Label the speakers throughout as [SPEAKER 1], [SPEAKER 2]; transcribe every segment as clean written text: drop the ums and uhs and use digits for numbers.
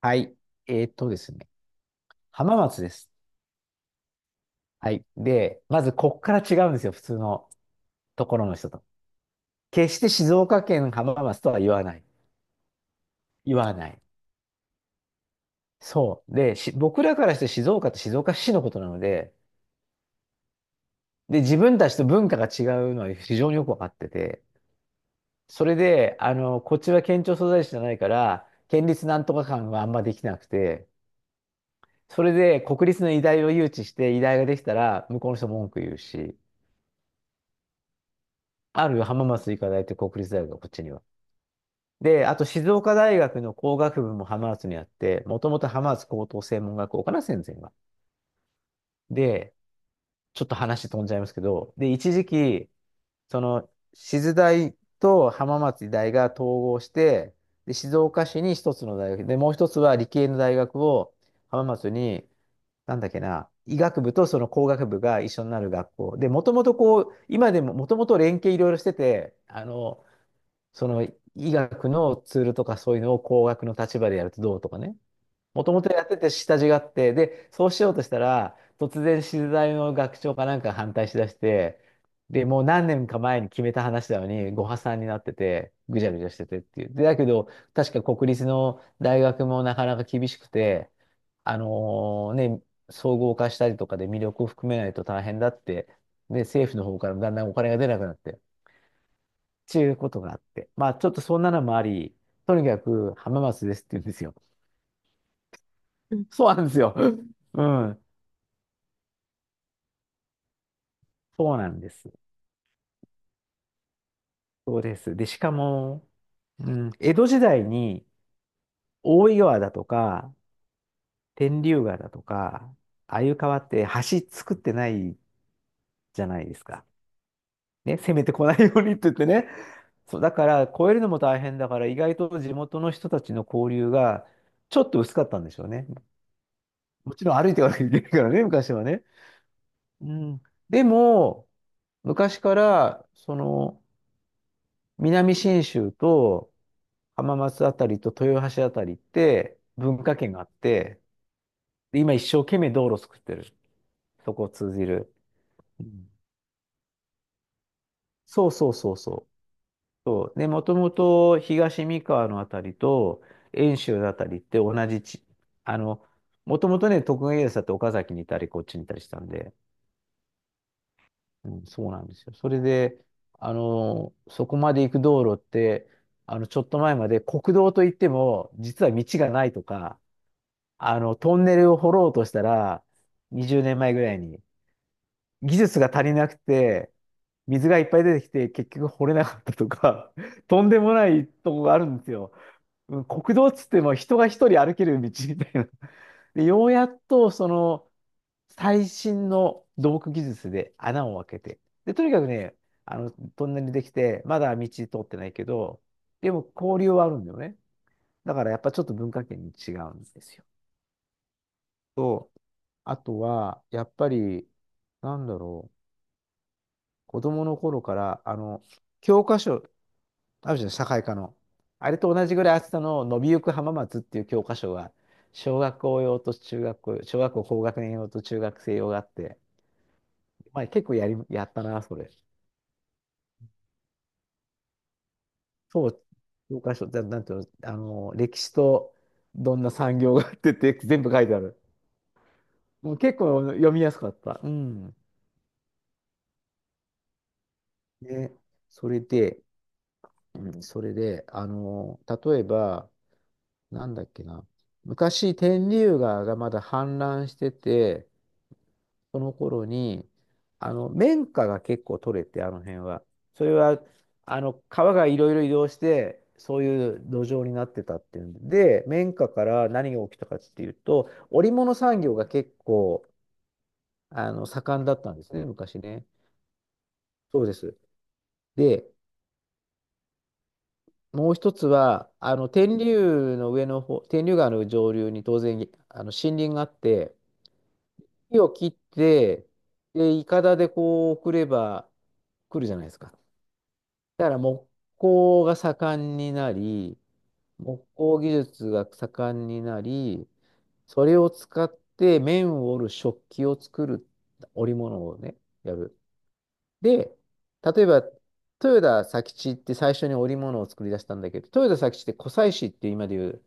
[SPEAKER 1] はい。ですね。浜松です。はい。で、まずこっから違うんですよ。普通のところの人と。決して静岡県浜松とは言わない。言わない。そう。で、僕らからして静岡って静岡市のことなので、で、自分たちと文化が違うのは非常によくわかってて、それで、こっちは県庁所在地じゃないから、県立なんとか館はあんまできなくて、それで国立の医大を誘致して、医大ができたら、向こうの人文句言うし、ある浜松医科大って国立大学がこっちには。で、あと静岡大学の工学部も浜松にあって、もともと浜松高等専門学校かな、戦生は。で、ちょっと話飛んじゃいますけど、で、一時期、その、静大と浜松大が統合して、で、静岡市に一つの大学、で、もう一つは理系の大学を浜松に、なんだっけな、医学部とその工学部が一緒になる学校。で、もともとこう、今でももともと連携いろいろしてて、その医学のツールとかそういうのを工学の立場でやるとどうとかね。もともとやってて下地があって、で、そうしようとしたら、突然資材の学長かなんか反対しだして、で、もう何年か前に決めた話なのに、ご破算になってて、ぐちゃぐちゃしててっていう。で、だけど、確か国立の大学もなかなか厳しくて、あのーね、総合化したりとかで魅力を含めないと大変だって、で、政府の方からもだんだんお金が出なくなって。ちゅうことがあって。まあ、ちょっとそんなのもあり、とにかく浜松ですって言うんですよ。そうなんですよ。うん。そうなんです。そうです。で、しかも、うん、江戸時代に大井川だとか、天竜川だとか、ああいう川って橋作ってないじゃないですか。ね、攻めてこないようにって言ってね。そう、だから、越えるのも大変だから、意外と地元の人たちの交流がちょっと薄かったんでしょうね。もちろん歩いていかなきゃいけないからね、昔はね。うん、でも、昔から、その、南信州と浜松あたりと豊橋あたりって文化圏があって、で今一生懸命道路作ってる。そこを通じる。うん、そうそうそうそう。そう。で、もともと東三河のあたりと遠州のあたりって同じ地、あの、もともとね、徳川家康だって岡崎にいたり、こっちにいたりしたんで、うん、そうなんですよ。それで、そこまで行く道路って、ちょっと前まで国道といっても、実は道がないとか、トンネルを掘ろうとしたら、20年前ぐらいに、技術が足りなくて、水がいっぱい出てきて、結局掘れなかったとか、とんでもないとこがあるんですよ。うん、国道っつっても人が一人歩ける道みたいな。で、ようやっと、その、最新の土木技術で穴を開けて。で、とにかくね、トンネルできて、まだ道通ってないけど、でも交流はあるんだよね。だからやっぱちょっと文化圏に違うんですよ。と、あとは、やっぱり、なんだろう、子供の頃から、教科書、あるじゃん、社会科の。あれと同じぐらい厚さの伸びゆく浜松っていう教科書が、小学校用と中学校、小学校高学年用と中学生用があって、まあ結構やり、やったな、それ。そう、教科書、だなんていうの、歴史とどんな産業があってって全部書いてある。もう結構読みやすかった。うん。ね、それで、うん、それで、例えば、なんだっけな、昔、天竜川がまだ氾濫してて、その頃に、綿花が結構取れて、あの辺は。それは、川がいろいろ移動して、そういう土壌になってたっていうんで、綿花から何が起きたかっていうと、織物産業が結構、盛んだったんですね、昔ね。そうです。で、もう一つは、天竜の上の方、天竜川の上流に当然、森林があって、木を切って、で、いかだでこう送れば来るじゃないですか。だから木工が盛んになり、木工技術が盛んになり、それを使って面を織る食器を作る織物をね、やる。で、例えば、豊田佐吉って最初に織物を作り出したんだけど、豊田佐吉って湖西市って今でいう、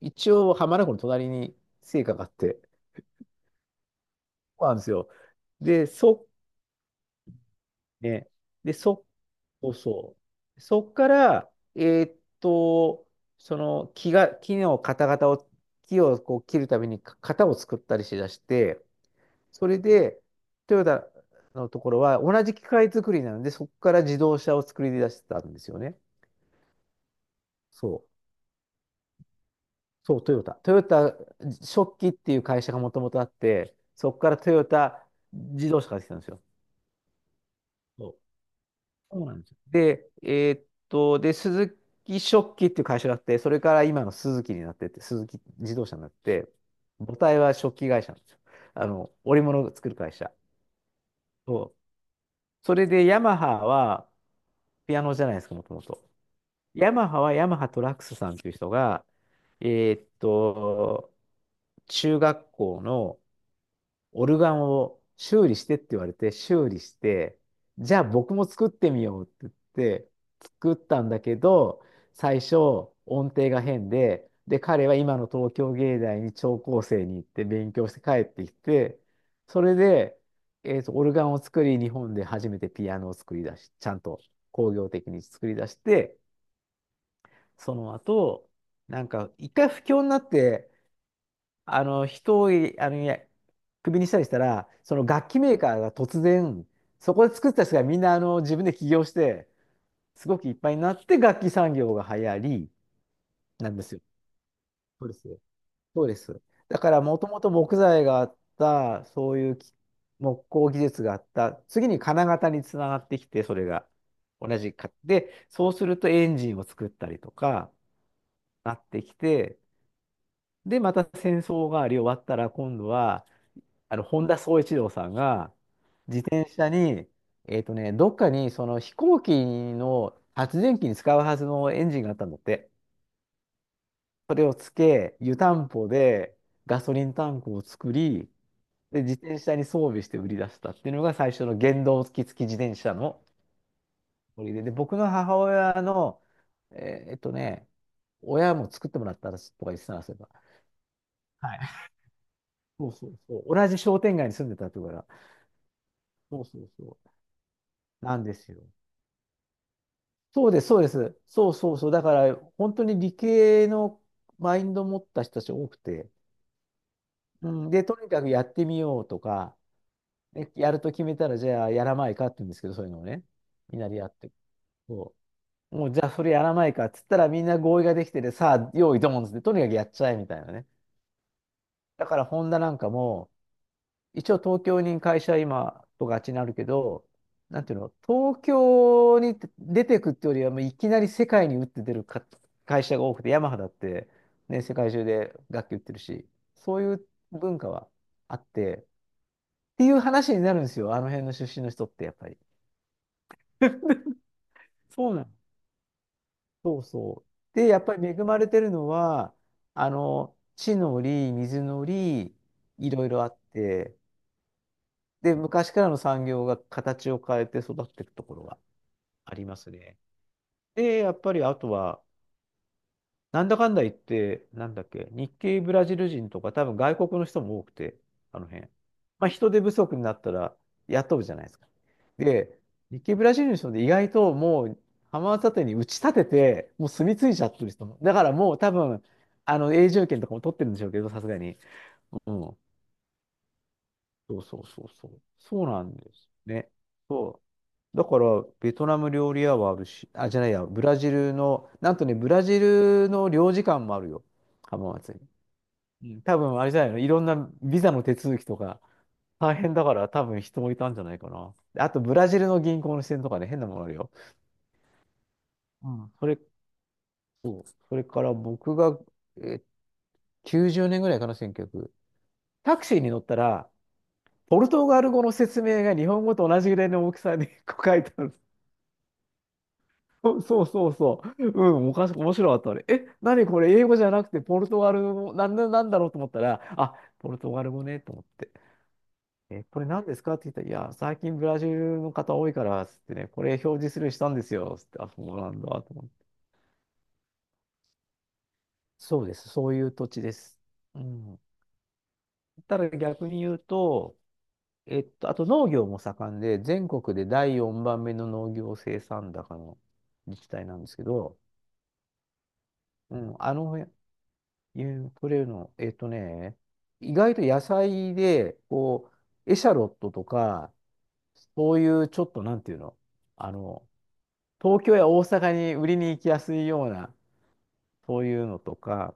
[SPEAKER 1] 一応浜名湖の隣に生家があって、そうなんですよ。で、そ、ね、で、そそうそう。そっから、その木が、木の型型を、木をこう切るためにか型を作ったりしだして、それで、トヨタのところは同じ機械作りなので、そこから自動車を作り出してたんですよね。そう。そう、トヨタ。トヨタ食器っていう会社がもともとあって、そこからトヨタ自動車ができたんですよ。そうそうなんですよ。で、で、鈴木食器っていう会社があって、それから今のスズキになってって、スズキ自動車になって、母体は食器会社なんですよ。織物を作る会社。そうそれでヤマハは、ピアノじゃないですか、もともと。ヤマハはヤマハトラックスさんっていう人が、えーっと、中学校のオルガンを修理してって言われて、修理して、じゃあ僕も作ってみようって言って、作ったんだけど、最初音程が変で、で、彼は今の東京芸大に聴講生に行って勉強して帰ってきて、それで、オルガンを作り、日本で初めてピアノを作り出し、ちゃんと工業的に作り出して、その後、なんか一回不況になって、あの人をいやクビにしたりしたら、その楽器メーカーが突然、そこで作った人がみんな自分で起業して、すごくいっぱいになって楽器産業が流行りなんですよ。そうです。そうです。だからもともと木材があった、そういう木工技術があった、次に金型につながってきて、それが同じか。で、そうするとエンジンを作ったりとかなってきて、で、また戦争があり終わったら今度は、本田宗一郎さんが、電車に、どっかにその飛行機の発電機に使うはずのエンジンがあったんだって。それをつけ、湯たんぽでガソリンタンクを作り、で、自転車に装備して売り出したっていうのが最初の原動機付き自転車のノリで、で、僕の母親の、えーっとね、親も作ってもらったらとか言ってたらそういえば。はい。そうそうそう。同じ商店街に住んでたってことから。そうそうそう。なんですよ。そうです、そうです。そうそうそう。だから、本当に理系のマインドを持った人たち多くて、うん、で、とにかくやってみようとか、ね、やると決めたら、じゃあやらないかって言うんですけど、そういうのをね、みんなでやってそう。もう、じゃあそれやらないかっつったら、みんな合意ができてて、さあ、用意ドンっつって、とにかくやっちゃえみたいなね。だから、ホンダなんかも、一応東京に会社今とがちになるけど、なんていうの、東京に出てくってよりは、もういきなり世界に打って出るか会社が多くて、ヤマハだって、ね、世界中で楽器売ってるし、そういう文化はあって、っていう話になるんですよ、あの辺の出身の人ってやっぱり。そうなの。そうそう。で、やっぱり恵まれてるのは、あの、地の利、水の利、いろいろあって、で、昔からの産業が形を変えて育っていくところがありますね。で、やっぱりあとは、なんだかんだ言って、なんだっけ、日系ブラジル人とか、多分外国の人も多くて、あの辺。まあ、人手不足になったら雇うじゃないですか。で、日系ブラジルの人で意外ともう浜松建てに打ち立てて、もう住み着いちゃってる人も。だからもう多分、あの永住権とかも取ってるんでしょうけど、さすがに。うん。そうそうそうそう。そうなんですね。そう。だから、ベトナム料理屋はあるし、あ、じゃないや、ブラジルの、なんとね、ブラジルの領事館もあるよ。浜松に。うん、多分、あれじゃないの、いろんなビザの手続きとか、大変だから、多分人もいたんじゃないかな。あと、ブラジルの銀行の支店とかね、変なものあるよ。うん。それ、そう。それから僕が、え、90年ぐらいかな、1900。タクシーに乗ったら、ポルトガル語の説明が日本語と同じぐらいの大きさに 書いてある。そう そうそうそう。うん、おかし、面白かったあれ。え、何これ、英語じゃなくてポルトガル語、なんな、なんだろうと思ったら、あ、ポルトガル語ね、と思って。え、これ何ですかって言ったら、いや、最近ブラジルの方多いから、つってね、これ表示するようにしたんですよ、つって、あ、そうなんだ、と思って。そうです。そういう土地です。うん。ただ逆に言うと、あと農業も盛んで、全国で第4番目の農業生産高の自治体なんですけど、うん、あの辺、ユークレーの、意外と野菜で、こう、エシャロットとか、そういうちょっとなんていうの、あの、東京や大阪に売りに行きやすいような、そういうのとか、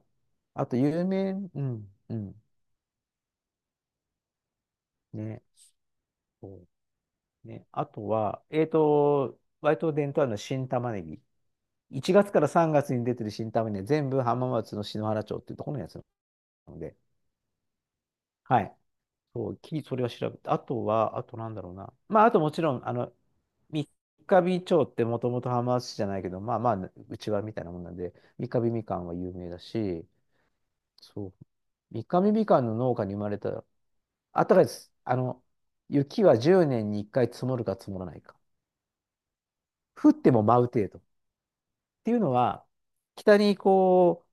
[SPEAKER 1] あと有名、うん、うん、ね、そうね。あとは、割と伝統あるのは新玉ねぎ。1月から3月に出てる新玉ねぎ、全部浜松の篠原町っていうところのやつなので、はい。そう、きりそれを調べて、あとは、あとなんだろうな。まあ、あともちろん、あの、三ヶ日町ってもともと浜松市じゃないけど、まあまあ、うちわみたいなもんなんで、三ヶ日みかんは有名だし、そう、三ヶ日みかんの農家に生まれた、あったかいです。あの、雪は10年に1回積もるか積もらないか。降っても舞う程度。っていうのは、北にこ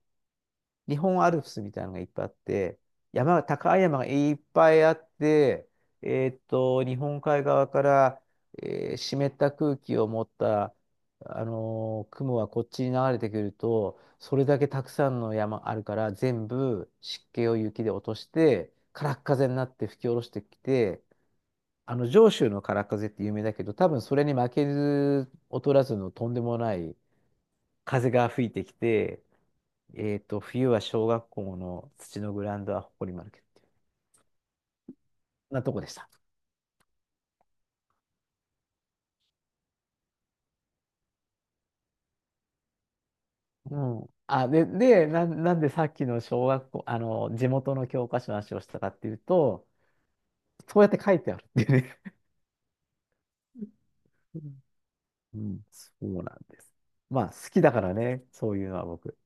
[SPEAKER 1] 日本アルプスみたいなのがいっぱいあって、山が、高い山がいっぱいあって、日本海側から、湿った空気を持った、雲がこっちに流れてくると、それだけたくさんの山あるから、全部湿気を雪で落として、空っ風になって吹き下ろしてきて、あの上州の空っ風って有名だけど、多分それに負けず劣らずのとんでもない風が吹いてきて、冬は小学校の土のグラウンドは埃まるけど、そんなとこでした。うん。あ、で、で、なんでさっきの小学校、あの、地元の教科書の話をしたかっていうと、そうやって書いてあるっていうね。うん、うんそうなんです。まあ、好きだからね、そういうのは僕。